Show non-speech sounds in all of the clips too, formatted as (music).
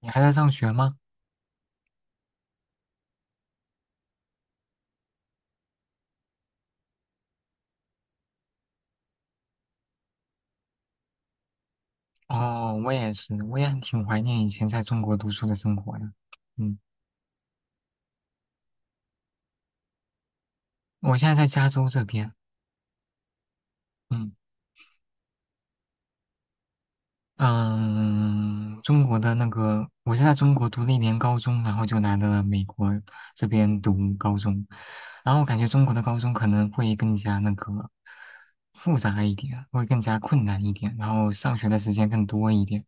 你还在上学吗？哦，我也是，我也很挺怀念以前在中国读书的生活的。嗯，我现在在加州这边。嗯。嗯，中国的那个，我是在中国读了一年高中，然后就来了美国这边读高中，然后我感觉中国的高中可能会更加那个复杂一点，会更加困难一点，然后上学的时间更多一点，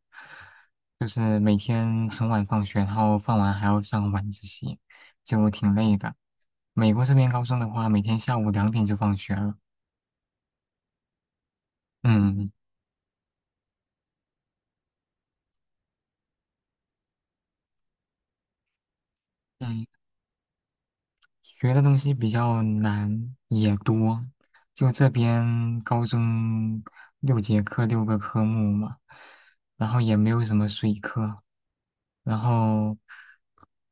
就是每天很晚放学，然后放完还要上晚自习，就挺累的。美国这边高中的话，每天下午2点就放学了。嗯嗯。学的东西比较难也多，就这边高中六节课六个科目嘛，然后也没有什么水课，然后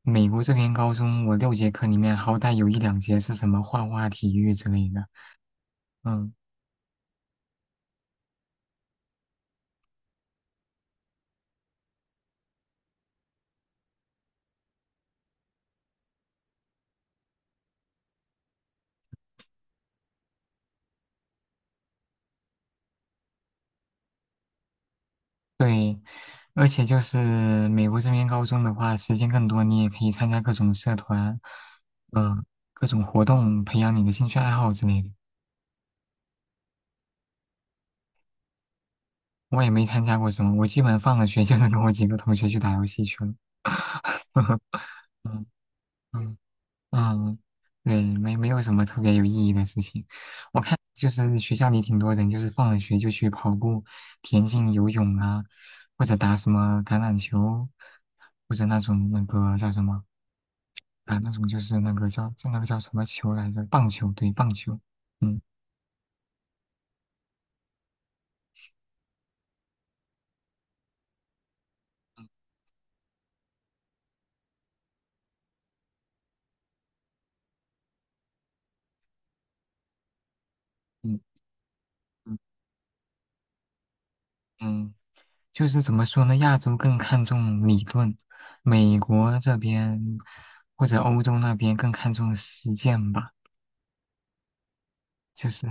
美国这边高中我六节课里面好歹有一两节是什么画画、体育之类的，嗯，对，而且就是美国这边高中的话，时间更多，你也可以参加各种社团，嗯、各种活动，培养你的兴趣爱好之类的。我也没参加过什么，我基本放了学就是跟我几个同学去打游戏去了。(laughs) 嗯嗯嗯，对，没有什么特别有意义的事情。我看就是学校里挺多人，就是放了学就去跑步、田径、游泳啊，或者打什么橄榄球，或者那种那个叫什么啊，那种就是那个叫那个叫什么球来着？棒球，对，棒球。嗯嗯嗯嗯。嗯就是怎么说呢？亚洲更看重理论，美国这边或者欧洲那边更看重实践吧。就是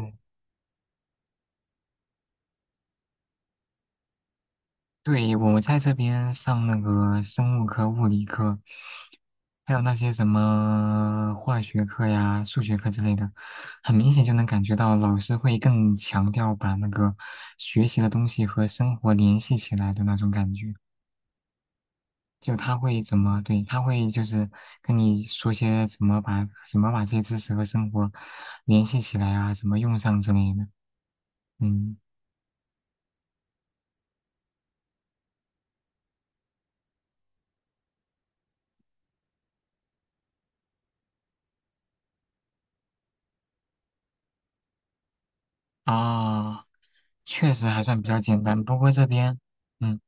对我在这边上那个生物课、物理课，还有那些什么化学课呀、数学课之类的，很明显就能感觉到老师会更强调把那个学习的东西和生活联系起来的那种感觉。就他会怎么，对，他会就是跟你说些怎么把这些知识和生活联系起来啊，怎么用上之类的。嗯，啊，确实还算比较简单，不过这边，嗯。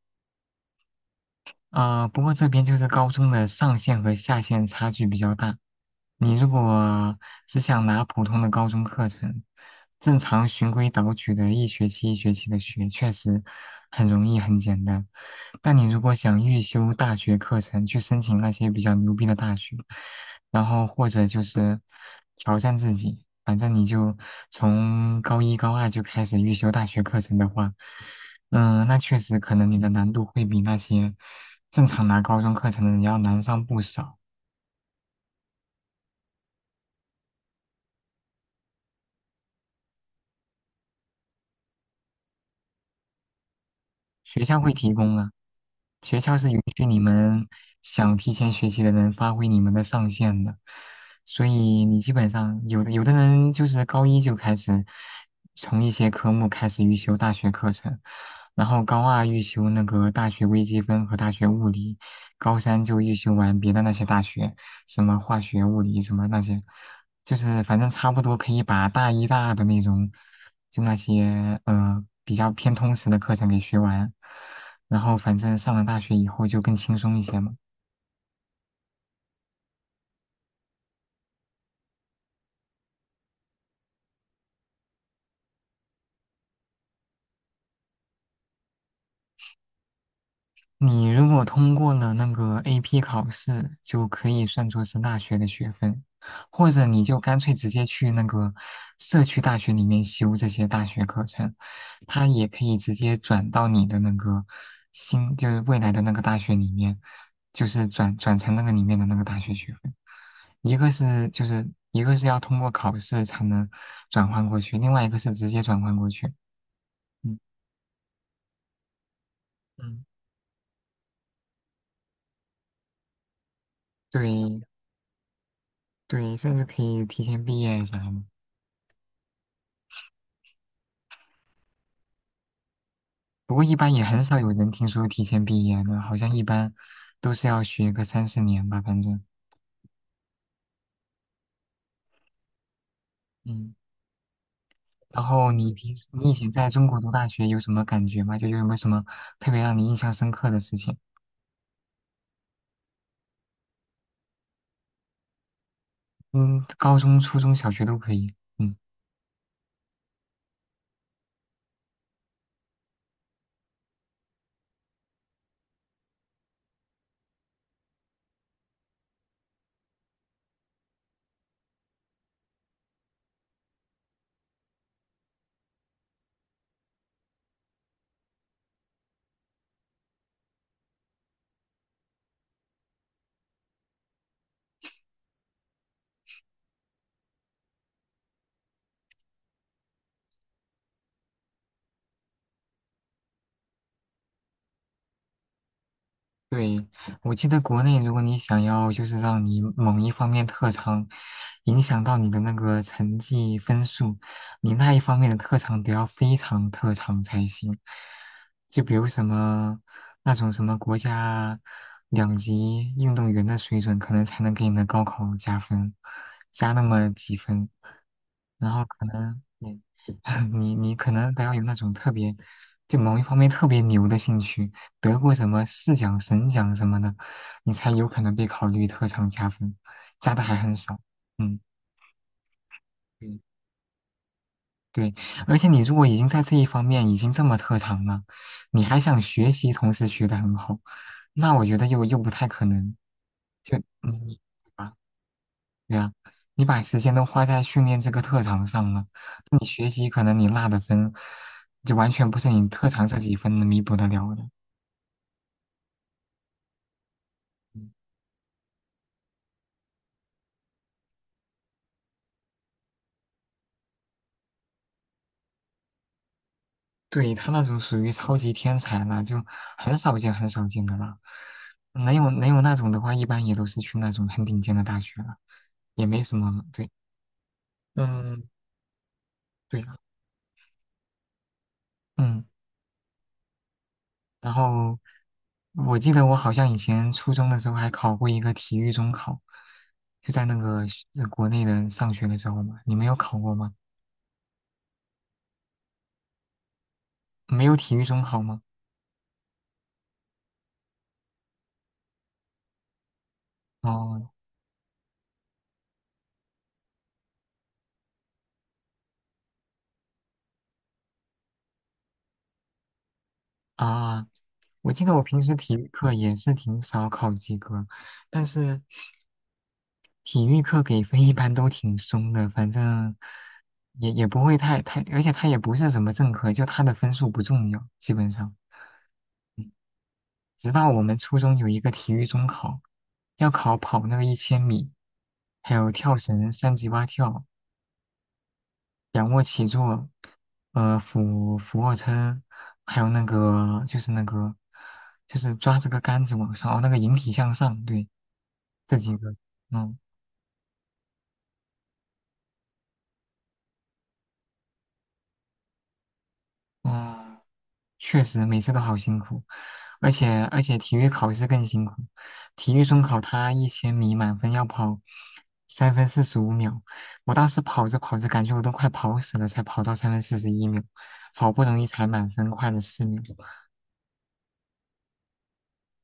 啊、不过这边就是高中的上限和下限差距比较大。你如果只想拿普通的高中课程，正常循规蹈矩的一学期一学期的学，确实很容易很简单。但你如果想预修大学课程，去申请那些比较牛逼的大学，然后或者就是挑战自己，反正你就从高一高二就开始预修大学课程的话。嗯，那确实可能你的难度会比那些正常拿高中课程的人要难上不少。学校会提供啊。学校是允许你们想提前学习的人发挥你们的上限的，所以你基本上有的人就是高一就开始从一些科目开始预修大学课程，然后高二预修那个大学微积分和大学物理，高三就预修完别的那些大学，什么化学、物理什么那些，就是反正差不多可以把大一、大二的那种，就那些比较偏通识的课程给学完。然后反正上了大学以后就更轻松一些嘛。你如果通过了那个 AP 考试，就可以算作是大学的学分，或者你就干脆直接去那个社区大学里面修这些大学课程，它也可以直接转到你的那个新，就是未来的那个大学里面，就是转成那个里面的那个大学学分。一个是要通过考试才能转换过去，另外一个是直接转换过去。嗯嗯。对，对，甚至可以提前毕业啥的。不过一般也很少有人听说提前毕业的，好像一般都是要学个3、4年吧，反正。嗯，然后你平时你以前在中国读大学有什么感觉吗？就有没有什么特别让你印象深刻的事情？嗯，高中、初中小学都可以。嗯。对，我记得国内，如果你想要就是让你某一方面特长影响到你的那个成绩分数，你那一方面的特长得要非常特长才行。就比如什么那种什么国家两级运动员的水准，可能才能给你的高考加分，加那么几分。然后可能你 (laughs) 你可能得要有那种特别，就某一方面特别牛的兴趣，得过什么市奖、省奖什么的，你才有可能被考虑特长加分，加的还很少。嗯，对对，而且你如果已经在这一方面已经这么特长了，你还想学习，同时学得很好，那我觉得又不太可能，你对呀，你把时间都花在训练这个特长上了，那你学习可能你落的分，就完全不是你特长这几分能弥补得了的。嗯对，他那种属于超级天才了，就很少见很少见的了。能有那种的话，一般也都是去那种很顶尖的大学了，也没什么。对，嗯，对啊，嗯。然后我记得我好像以前初中的时候还考过一个体育中考，就在那个国内的上学的时候嘛。你没有考过吗？没有体育中考吗？哦啊，我记得我平时体育课也是挺少考及格，但是体育课给分一般都挺松的，反正也不会太，而且他也不是什么正课，就他的分数不重要，基本上。直到我们初中有一个体育中考，要考跑那个一千米，还有跳绳、三级蛙跳、仰卧起坐，俯卧撑，还有那个就是抓这个杆子往上，哦，那个引体向上，对，这几个，嗯嗯。确实每次都好辛苦，而且体育考试更辛苦。体育中考他一千米满分要跑3分45秒，我当时跑着跑着感觉我都快跑死了，才跑到3分41秒，好不容易才满分快了4秒。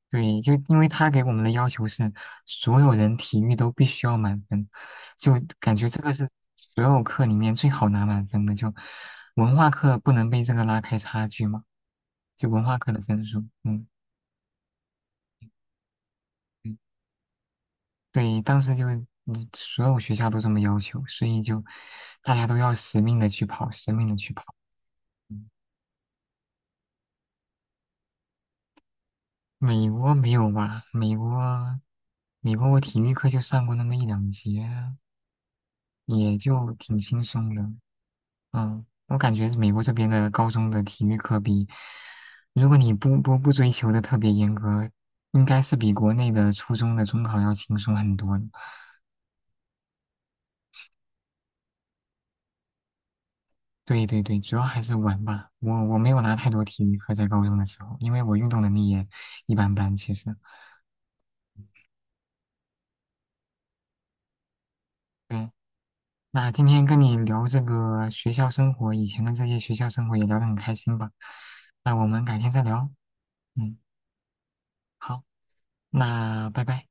对，就因为他给我们的要求是所有人体育都必须要满分，就感觉这个是所有课里面最好拿满分的，就文化课不能被这个拉开差距嘛，就文化课的分数，嗯。嗯对，当时就你所有学校都这么要求，所以就大家都要死命的去跑，死命的去跑。美国没有吧？美国，美国我体育课就上过那么一两节，也就挺轻松的。嗯，我感觉美国这边的高中的体育课比，如果你不不不追求的特别严格，应该是比国内的初中的中考要轻松很多的对对对，主要还是玩吧。我没有拿太多体育课在高中的时候，因为我运动能力也一般般。其实，对，那今天跟你聊这个学校生活，以前的这些学校生活也聊得很开心吧。那我们改天再聊。嗯，好，那拜拜。